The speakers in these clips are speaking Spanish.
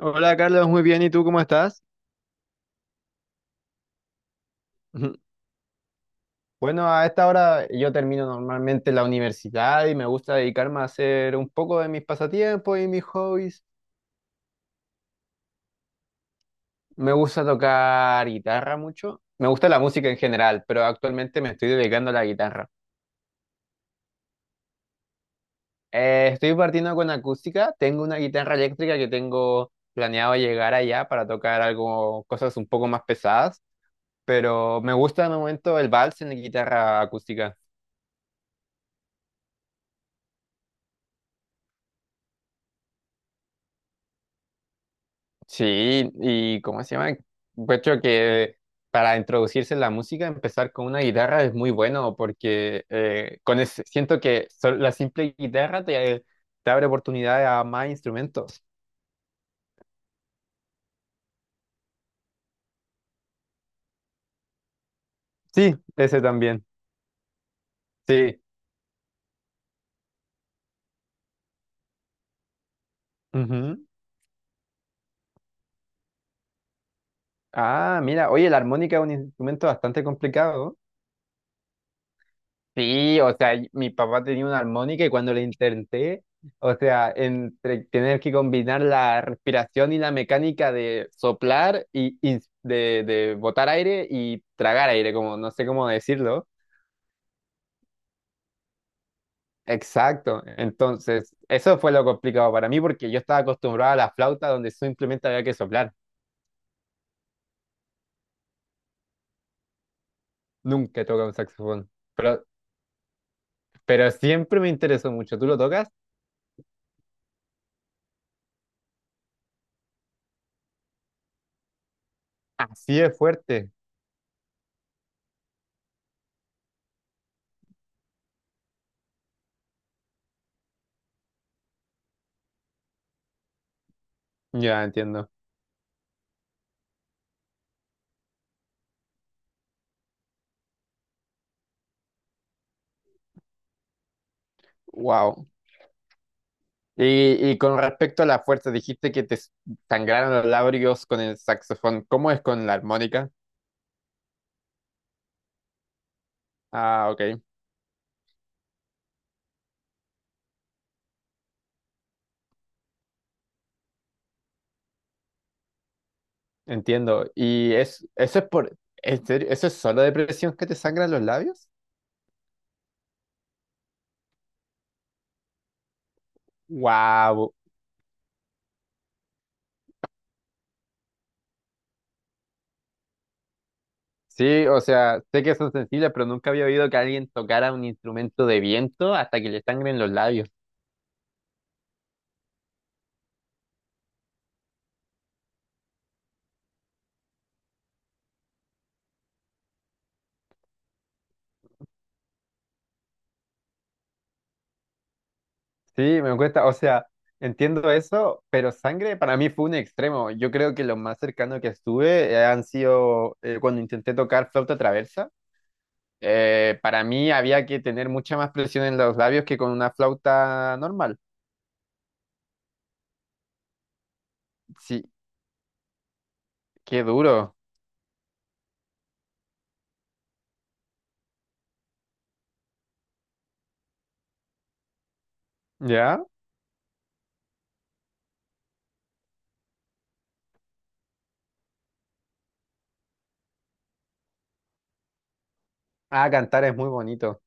Hola Carlos, muy bien. ¿Y tú cómo estás? Ujú. Bueno, a esta hora yo termino normalmente la universidad y me gusta dedicarme a hacer un poco de mis pasatiempos y mis hobbies. Me gusta tocar guitarra mucho. Me gusta la música en general, pero actualmente me estoy dedicando a la guitarra. Estoy partiendo con acústica. Tengo una guitarra eléctrica que tengo planeado llegar allá para tocar algo, cosas un poco más pesadas, pero me gusta de momento el vals en la guitarra acústica. Sí, ¿y cómo se llama? Encuentro que para introducirse en la música, empezar con una guitarra es muy bueno porque siento que la simple guitarra te, te abre oportunidades a más instrumentos. Sí, ese también. Sí. Ujú. Ah, mira, oye, la armónica es un instrumento bastante complicado. Sí, o sea, mi papá tenía una armónica y cuando le intenté, o sea, entre tener que combinar la respiración y la mecánica de soplar y de botar aire y tragar aire, como no sé cómo decirlo. Exacto. Entonces, eso fue lo complicado para mí porque yo estaba acostumbrado a la flauta donde simplemente había que soplar. Nunca he tocado un saxofón. Pero, pero siempre me interesó mucho. ¿Tú lo tocas? Así es fuerte. Ya entiendo. Wow. Y con respecto a la fuerza, dijiste que te sangraron los labios con el saxofón. ¿Cómo es con la armónica? Ah, ok, entiendo. ¿Y es, eso es por, en serio, eso es solo depresión que te sangran los labios? Wow. Sí, o sea, sé que son sensibles, pero nunca había oído que alguien tocara un instrumento de viento hasta que le sangren los labios. Sí, me cuesta, o sea, entiendo eso, pero sangre para mí fue un extremo. Yo creo que lo más cercano que estuve han sido cuando intenté tocar flauta traversa. Para mí había que tener mucha más presión en los labios que con una flauta normal. Sí, qué duro. ¿Ya? Ah, cantar es muy bonito.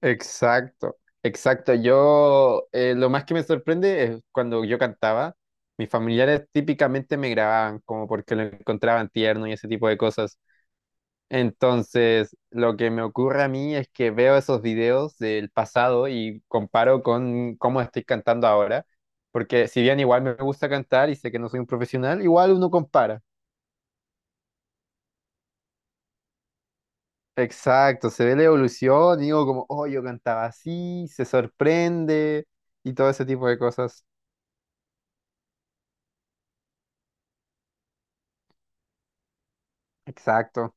Exacto, exacto. Yo, lo más que me sorprende es cuando yo cantaba, mis familiares típicamente me grababan como porque lo encontraban tierno y ese tipo de cosas. Entonces, lo que me ocurre a mí es que veo esos videos del pasado y comparo con cómo estoy cantando ahora, porque si bien igual me gusta cantar y sé que no soy un profesional, igual uno compara. Exacto, se ve la evolución y digo como, oh, yo cantaba así, se sorprende y todo ese tipo de cosas. Exacto,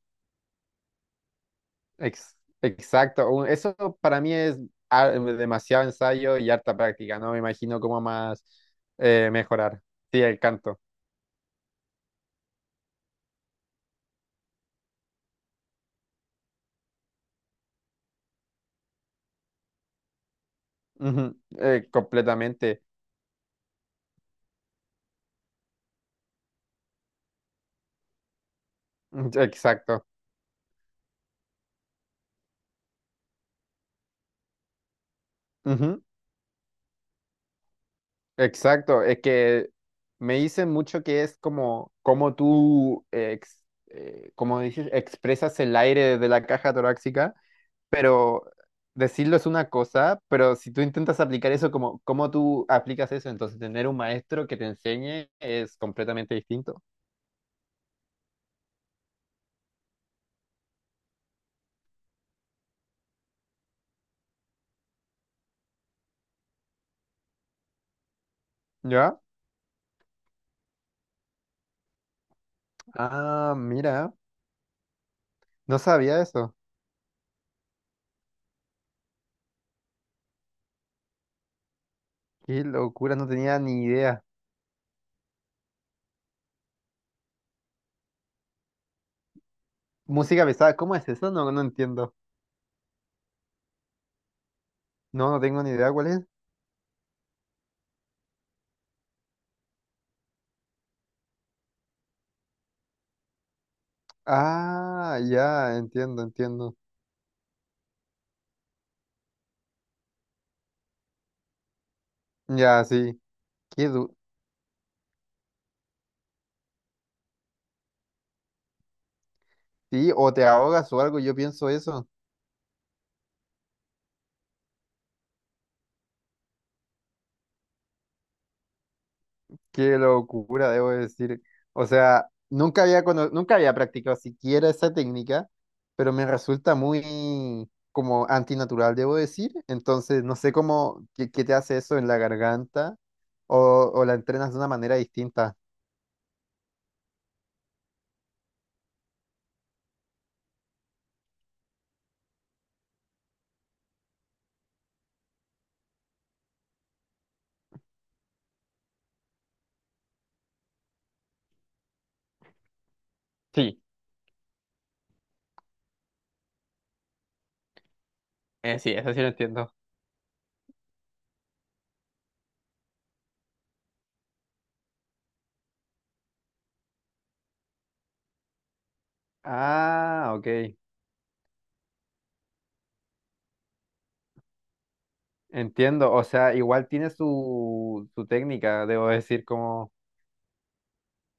exacto. Eso para mí es ah, demasiado ensayo y harta práctica, ¿no? Me imagino cómo más mejorar. Sí, el canto. Ujú, completamente. Mm, exacto. Ujú, exacto. Es que me dicen mucho que es como, como tú, como dices, expresas el aire de la caja torácica, pero decirlo es una cosa, pero si tú intentas aplicar eso, como, ¿cómo tú aplicas eso? Entonces, tener un maestro que te enseñe es completamente distinto. ¿Ya? Ah, mira. No sabía eso. Qué locura, no tenía ni idea. Música pesada, ¿cómo es eso? No, no entiendo. No, no tengo ni idea cuál es. Ah, ya, entiendo, entiendo. Ya, sí. Qué du- sí, o te ahogas o algo, yo pienso eso. Qué locura, debo decir. O sea, nunca había practicado siquiera esa técnica, pero me resulta muy como antinatural, debo decir. Entonces, no sé cómo, qué, qué te hace eso en la garganta o la entrenas de una manera distinta. Sí, sí, eso sí lo entiendo. Ah, ok. Entiendo, o sea, igual tiene su, su técnica, debo decir, como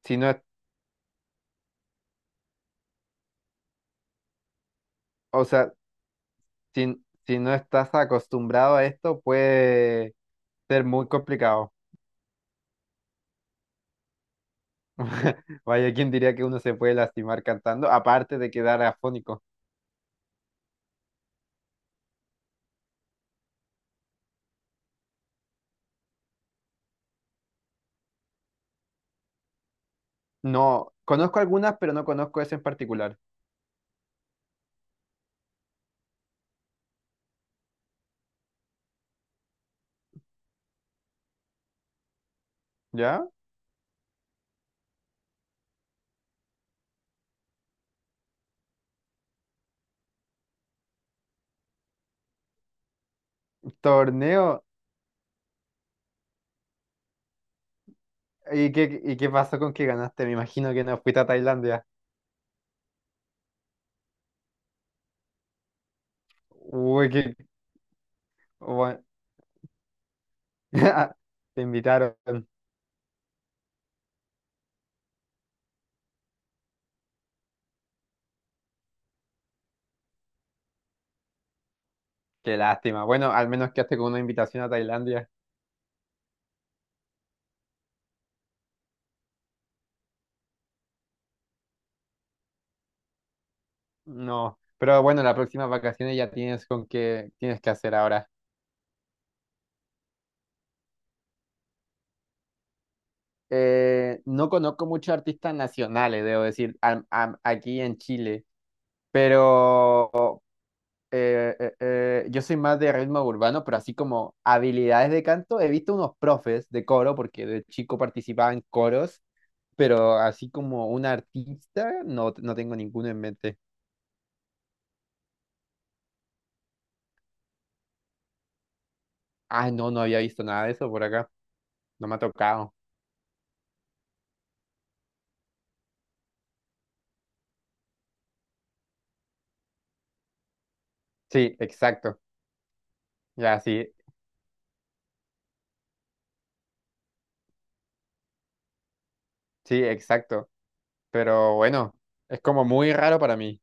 si no, o sea, si, si no estás acostumbrado a esto, puede ser muy complicado. Vaya, ¿quién diría que uno se puede lastimar cantando? Aparte de quedar afónico. No, conozco algunas, pero no conozco esa en particular. ¿Ya? Torneo. Y qué pasó con que ganaste? Me imagino que no fuiste a Tailandia. Uy, qué... bueno. Te invitaron. Qué lástima. Bueno, al menos quedaste con una invitación a Tailandia. No. Pero bueno, las próximas vacaciones ya tienes con qué tienes que hacer ahora. No conozco muchos artistas nacionales, debo decir, aquí en Chile. Pero yo soy más de ritmo urbano, pero así como habilidades de canto, he visto unos profes de coro, porque de chico participaba en coros, pero así como un artista, no, no tengo ninguno en mente. Ah, no, no había visto nada de eso por acá. No me ha tocado. Sí, exacto. Ya, sí, sí, exacto. Pero bueno, es como muy raro para mí.